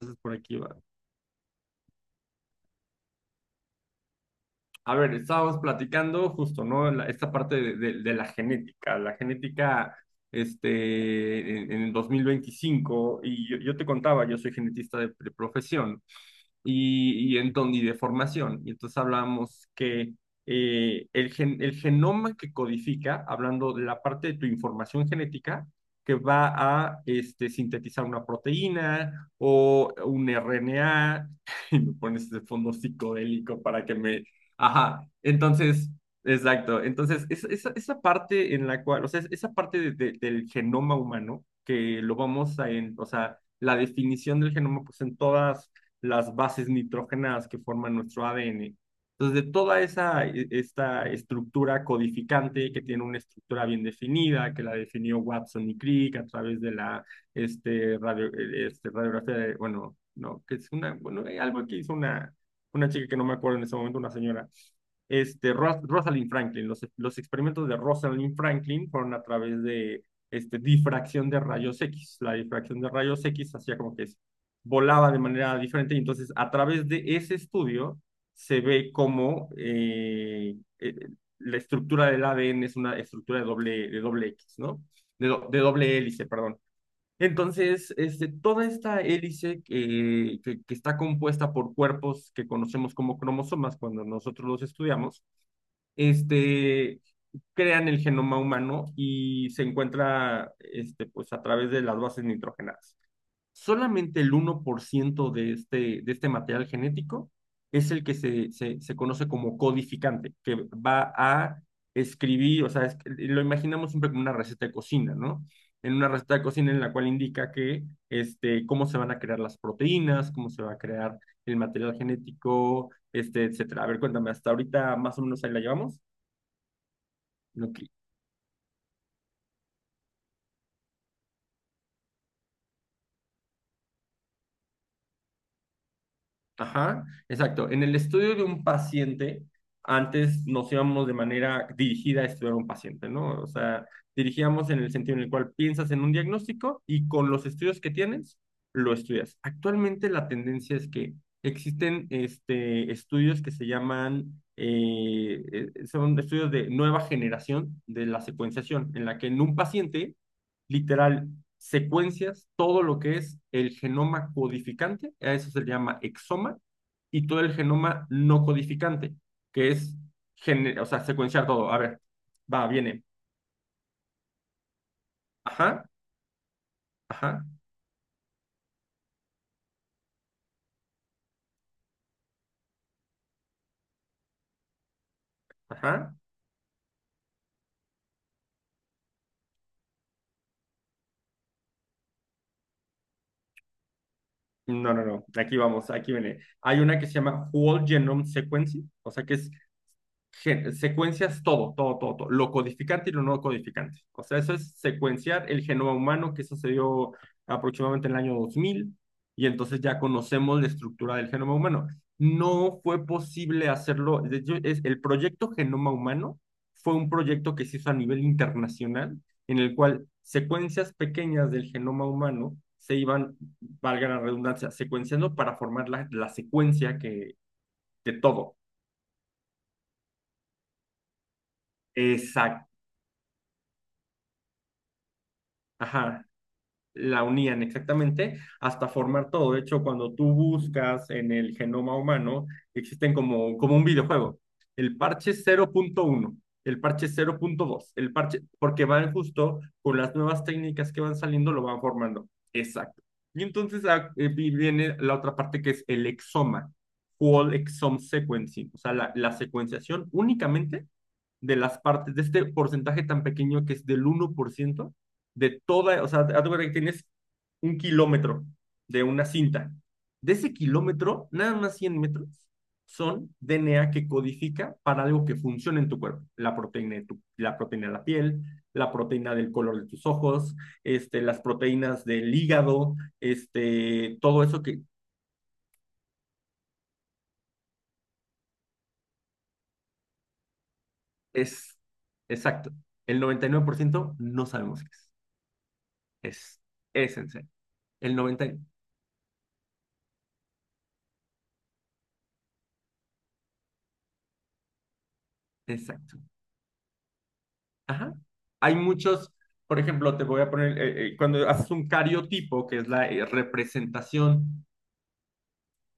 Entonces por aquí va. A ver, estábamos platicando justo, ¿no? Esta parte de la genética en el 2025 y yo te contaba, yo soy genetista de profesión y, y de formación, y entonces hablamos que el, el genoma que codifica, hablando de la parte de tu información genética, que va a sintetizar una proteína o un RNA, y me pones de fondo psicodélico para que me Ajá, entonces, exacto. Entonces, esa parte en la cual, o sea, esa parte del genoma humano, que lo vamos a, en, o sea, la definición del genoma, pues en todas las bases nitrógenas que forman nuestro ADN. Entonces, de toda esa, esta estructura codificante que tiene una estructura bien definida, que la definió Watson y Crick a través de la radiografía de, bueno, no, que es una, bueno, algo que hizo una chica que no me acuerdo en ese momento, una señora Rosalind Franklin. Los experimentos de Rosalind Franklin fueron a través de difracción de rayos X. La difracción de rayos X hacía como que es, volaba de manera diferente y entonces a través de ese estudio se ve cómo la estructura del ADN es una estructura de doble X, ¿no? De, de doble hélice, perdón. Entonces, toda esta hélice está compuesta por cuerpos que conocemos como cromosomas cuando nosotros los estudiamos, este, crean el genoma humano y se encuentra pues, a través de las bases nitrogenadas. Solamente el uno por ciento de este material genético es el que se conoce como codificante, que va a escribir, o sea, lo imaginamos siempre como una receta de cocina, ¿no? En una receta de cocina en la cual indica que, cómo se van a crear las proteínas, cómo se va a crear el material genético, etcétera. A ver, cuéntame, hasta ahorita más o menos ahí la llevamos. Ajá, exacto. En el estudio de un paciente, antes nos íbamos de manera dirigida a estudiar a un paciente, ¿no? O sea, dirigíamos en el sentido en el cual piensas en un diagnóstico y con los estudios que tienes, lo estudias. Actualmente la tendencia es que existen estudios que se llaman, son estudios de nueva generación de la secuenciación, en la que en un paciente, literal, secuencias todo lo que es el genoma codificante, a eso se le llama exoma, y todo el genoma no codificante, que es, o sea, secuenciar todo. A ver, va, viene. Ajá, ajá, ajá. No, aquí vamos, aquí viene. Hay una que se llama Whole Genome Sequencing, o sea, que es secuencias todo, lo codificante y lo no codificante. O sea, eso es secuenciar el genoma humano que sucedió aproximadamente en el año 2000 y entonces ya conocemos la estructura del genoma humano. No fue posible hacerlo, de hecho, es, el proyecto Genoma Humano fue un proyecto que se hizo a nivel internacional en el cual secuencias pequeñas del genoma humano se iban, valga la redundancia, secuenciando para formar la secuencia que, de todo. Exacto. Ajá, la unían exactamente hasta formar todo. De hecho, cuando tú buscas en el genoma humano, existen como, como un videojuego. El parche 0.1, el parche 0.2, el parche, porque van justo con las nuevas técnicas que van saliendo, lo van formando. Exacto. Y entonces viene la otra parte que es el exoma, whole exome sequencing, o sea, la secuenciación únicamente de las partes, de este porcentaje tan pequeño que es del uno por ciento de toda, o sea, haz de cuenta que tienes un kilómetro de una cinta. De ese kilómetro, nada más 100 metros son DNA que codifica para algo que funcione en tu cuerpo. La proteína de la proteína de la piel, la proteína del color de tus ojos, las proteínas del hígado, todo eso que es exacto. El 99% no sabemos qué es. Es, es en serio. El 90, exacto. Ajá. Hay muchos, por ejemplo, te voy a poner, cuando haces un cariotipo, que es la representación,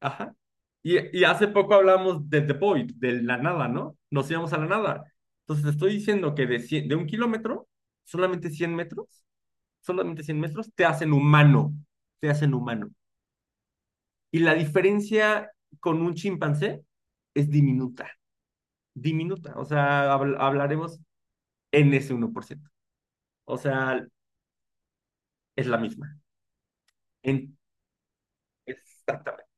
ajá. Y hace poco hablamos de The Void, de la nada, ¿no? Nos íbamos a la nada. Entonces te estoy diciendo que de un kilómetro, solamente 100 metros, solamente 100 metros, te hacen humano, te hacen humano. Y la diferencia con un chimpancé es diminuta, diminuta. O sea, hablaremos en ese uno por ciento. O sea, es la misma. En, exactamente,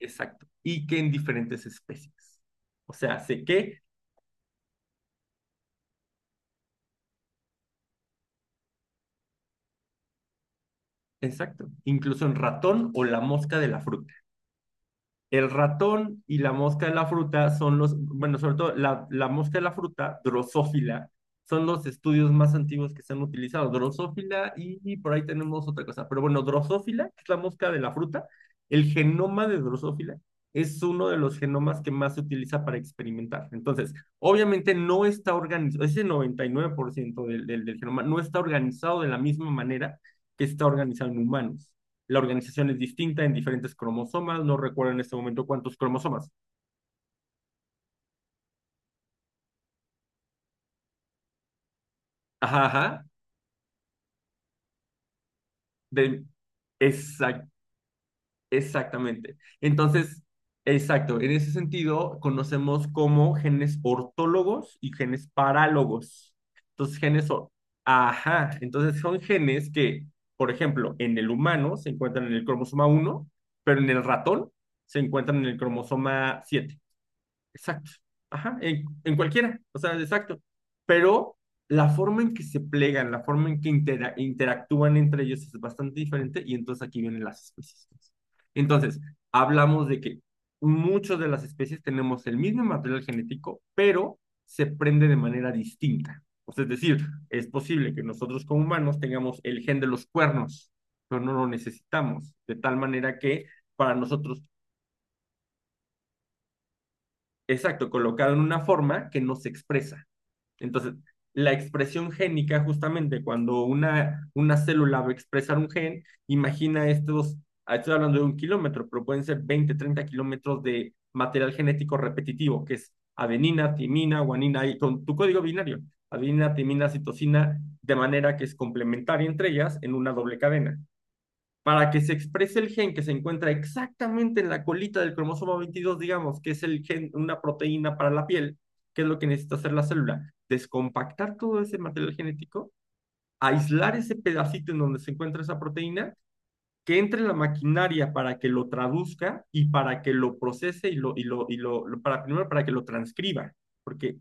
exacto. Y que en diferentes especies. O sea, sé que, exacto, incluso en ratón o la mosca de la fruta. El ratón y la mosca de la fruta son los, bueno, sobre todo la mosca de la fruta, Drosófila, son los estudios más antiguos que se han utilizado. Drosófila y por ahí tenemos otra cosa. Pero bueno, Drosófila, que es la mosca de la fruta, el genoma de Drosófila es uno de los genomas que más se utiliza para experimentar. Entonces, obviamente no está organizado, ese 99% del genoma no está organizado de la misma manera que está organizado en humanos. La organización es distinta en diferentes cromosomas, no recuerdo en este momento cuántos cromosomas. Ajá, ajá, de, exact, exactamente. Entonces, exacto, en ese sentido conocemos como genes ortólogos y genes parálogos. Entonces, entonces son genes que, por ejemplo, en el humano se encuentran en el cromosoma uno, pero en el ratón se encuentran en el cromosoma 7. Exacto. Ajá, en cualquiera, o sea, exacto. Pero la forma en que se plegan, la forma en que interactúan entre ellos es bastante diferente y entonces aquí vienen las especies. Entonces, hablamos de que muchas de las especies tenemos el mismo material genético, pero se prende de manera distinta. O sea, es decir, es posible que nosotros como humanos tengamos el gen de los cuernos, pero no lo necesitamos, de tal manera que para nosotros, exacto, colocado en una forma que no se expresa. Entonces, la expresión génica, justamente cuando una célula va a expresar un gen, imagina estos, estoy hablando de un kilómetro, pero pueden ser 20, 30 kilómetros de material genético repetitivo, que es adenina, timina, guanina, y con tu código binario, adenina, timina, citosina, de manera que es complementaria entre ellas en una doble cadena para que se exprese el gen que se encuentra exactamente en la colita del cromosoma 22, digamos, que es el gen, una proteína para la piel, que es lo que necesita hacer la célula, descompactar todo ese material genético, aislar ese pedacito en donde se encuentra esa proteína, que entre en la maquinaria para que lo traduzca y para que lo procese primero para que lo transcriba, porque,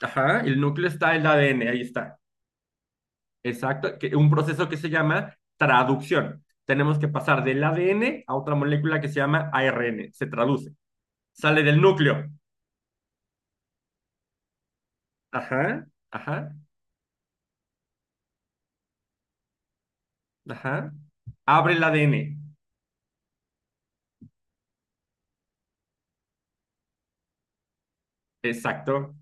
ajá, el núcleo está en el ADN, ahí está. Exacto, que un proceso que se llama traducción. Tenemos que pasar del ADN a otra molécula que se llama ARN, se traduce. Sale del núcleo. Ajá, ajá, ajá. Abre el ADN. Exacto.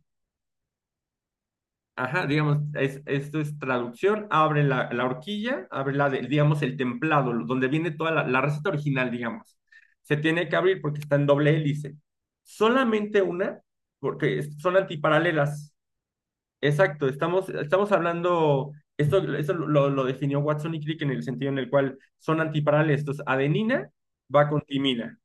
Ajá, digamos, esto es traducción, abre la, la horquilla, abre la, digamos, el templado, donde viene toda la receta original, digamos. Se tiene que abrir porque está en doble hélice. Solamente una, porque son antiparalelas. Exacto, estamos hablando, lo definió Watson y Crick en el sentido en el cual son antiparalelos. Entonces, adenina va con timina,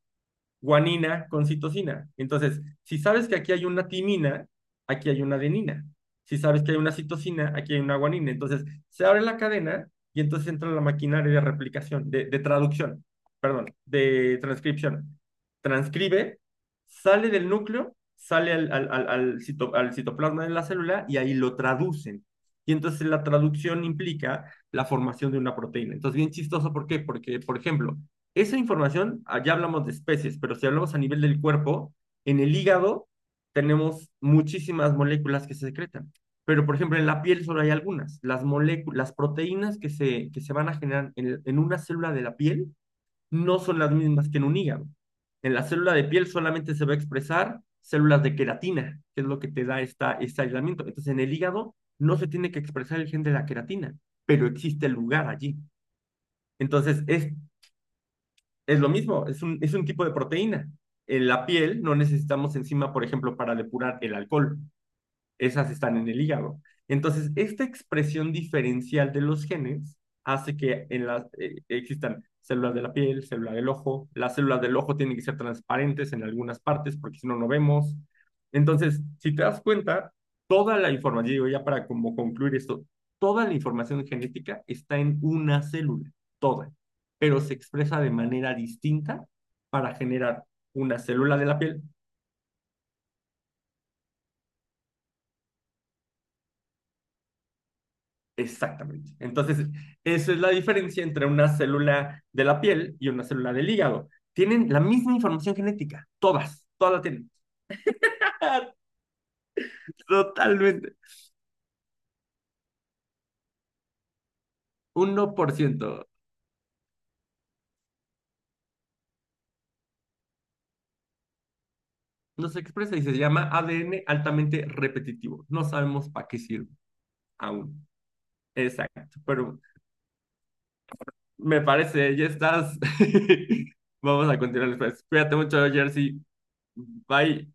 guanina con citosina. Entonces, si sabes que aquí hay una timina, aquí hay una adenina. Si sabes que hay una citosina, aquí hay una guanina. Entonces, se abre la cadena y entonces entra la maquinaria de replicación, de traducción, perdón, de transcripción. Transcribe, sale del núcleo, sale al al citoplasma de la célula y ahí lo traducen. Y entonces la traducción implica la formación de una proteína. Entonces, bien chistoso, ¿por qué? Porque, por ejemplo, esa información, ah, ya hablamos de especies, pero si hablamos a nivel del cuerpo, en el hígado tenemos muchísimas moléculas que se secretan. Pero, por ejemplo, en la piel solo hay algunas. Las moléculas, las proteínas que que se van a generar en una célula de la piel no son las mismas que en un hígado. En la célula de piel solamente se va a expresar células de queratina, que es lo que te da esta, este aislamiento. Entonces, en el hígado no se tiene que expresar el gen de la queratina, pero existe el lugar allí. Entonces, es lo mismo, es un tipo de proteína. En la piel no necesitamos enzima, por ejemplo, para depurar el alcohol, esas están en el hígado. Entonces, esta expresión diferencial de los genes hace que en la, existan células de la piel, células del ojo. Las células del ojo tienen que ser transparentes en algunas partes porque si no, no vemos. Entonces, si te das cuenta, toda la información, digo ya para como concluir esto, toda la información genética está en una célula, toda, pero se expresa de manera distinta para generar una célula de la piel. Exactamente. Entonces, esa es la diferencia entre una célula de la piel y una célula del hígado. Tienen la misma información genética, todas, todas la tienen. Totalmente. 1%. No se expresa y se llama ADN altamente repetitivo. No sabemos para qué sirve aún. Exacto. Pero me parece, ya estás. Vamos a continuar después. Cuídate mucho, Jersey. Bye.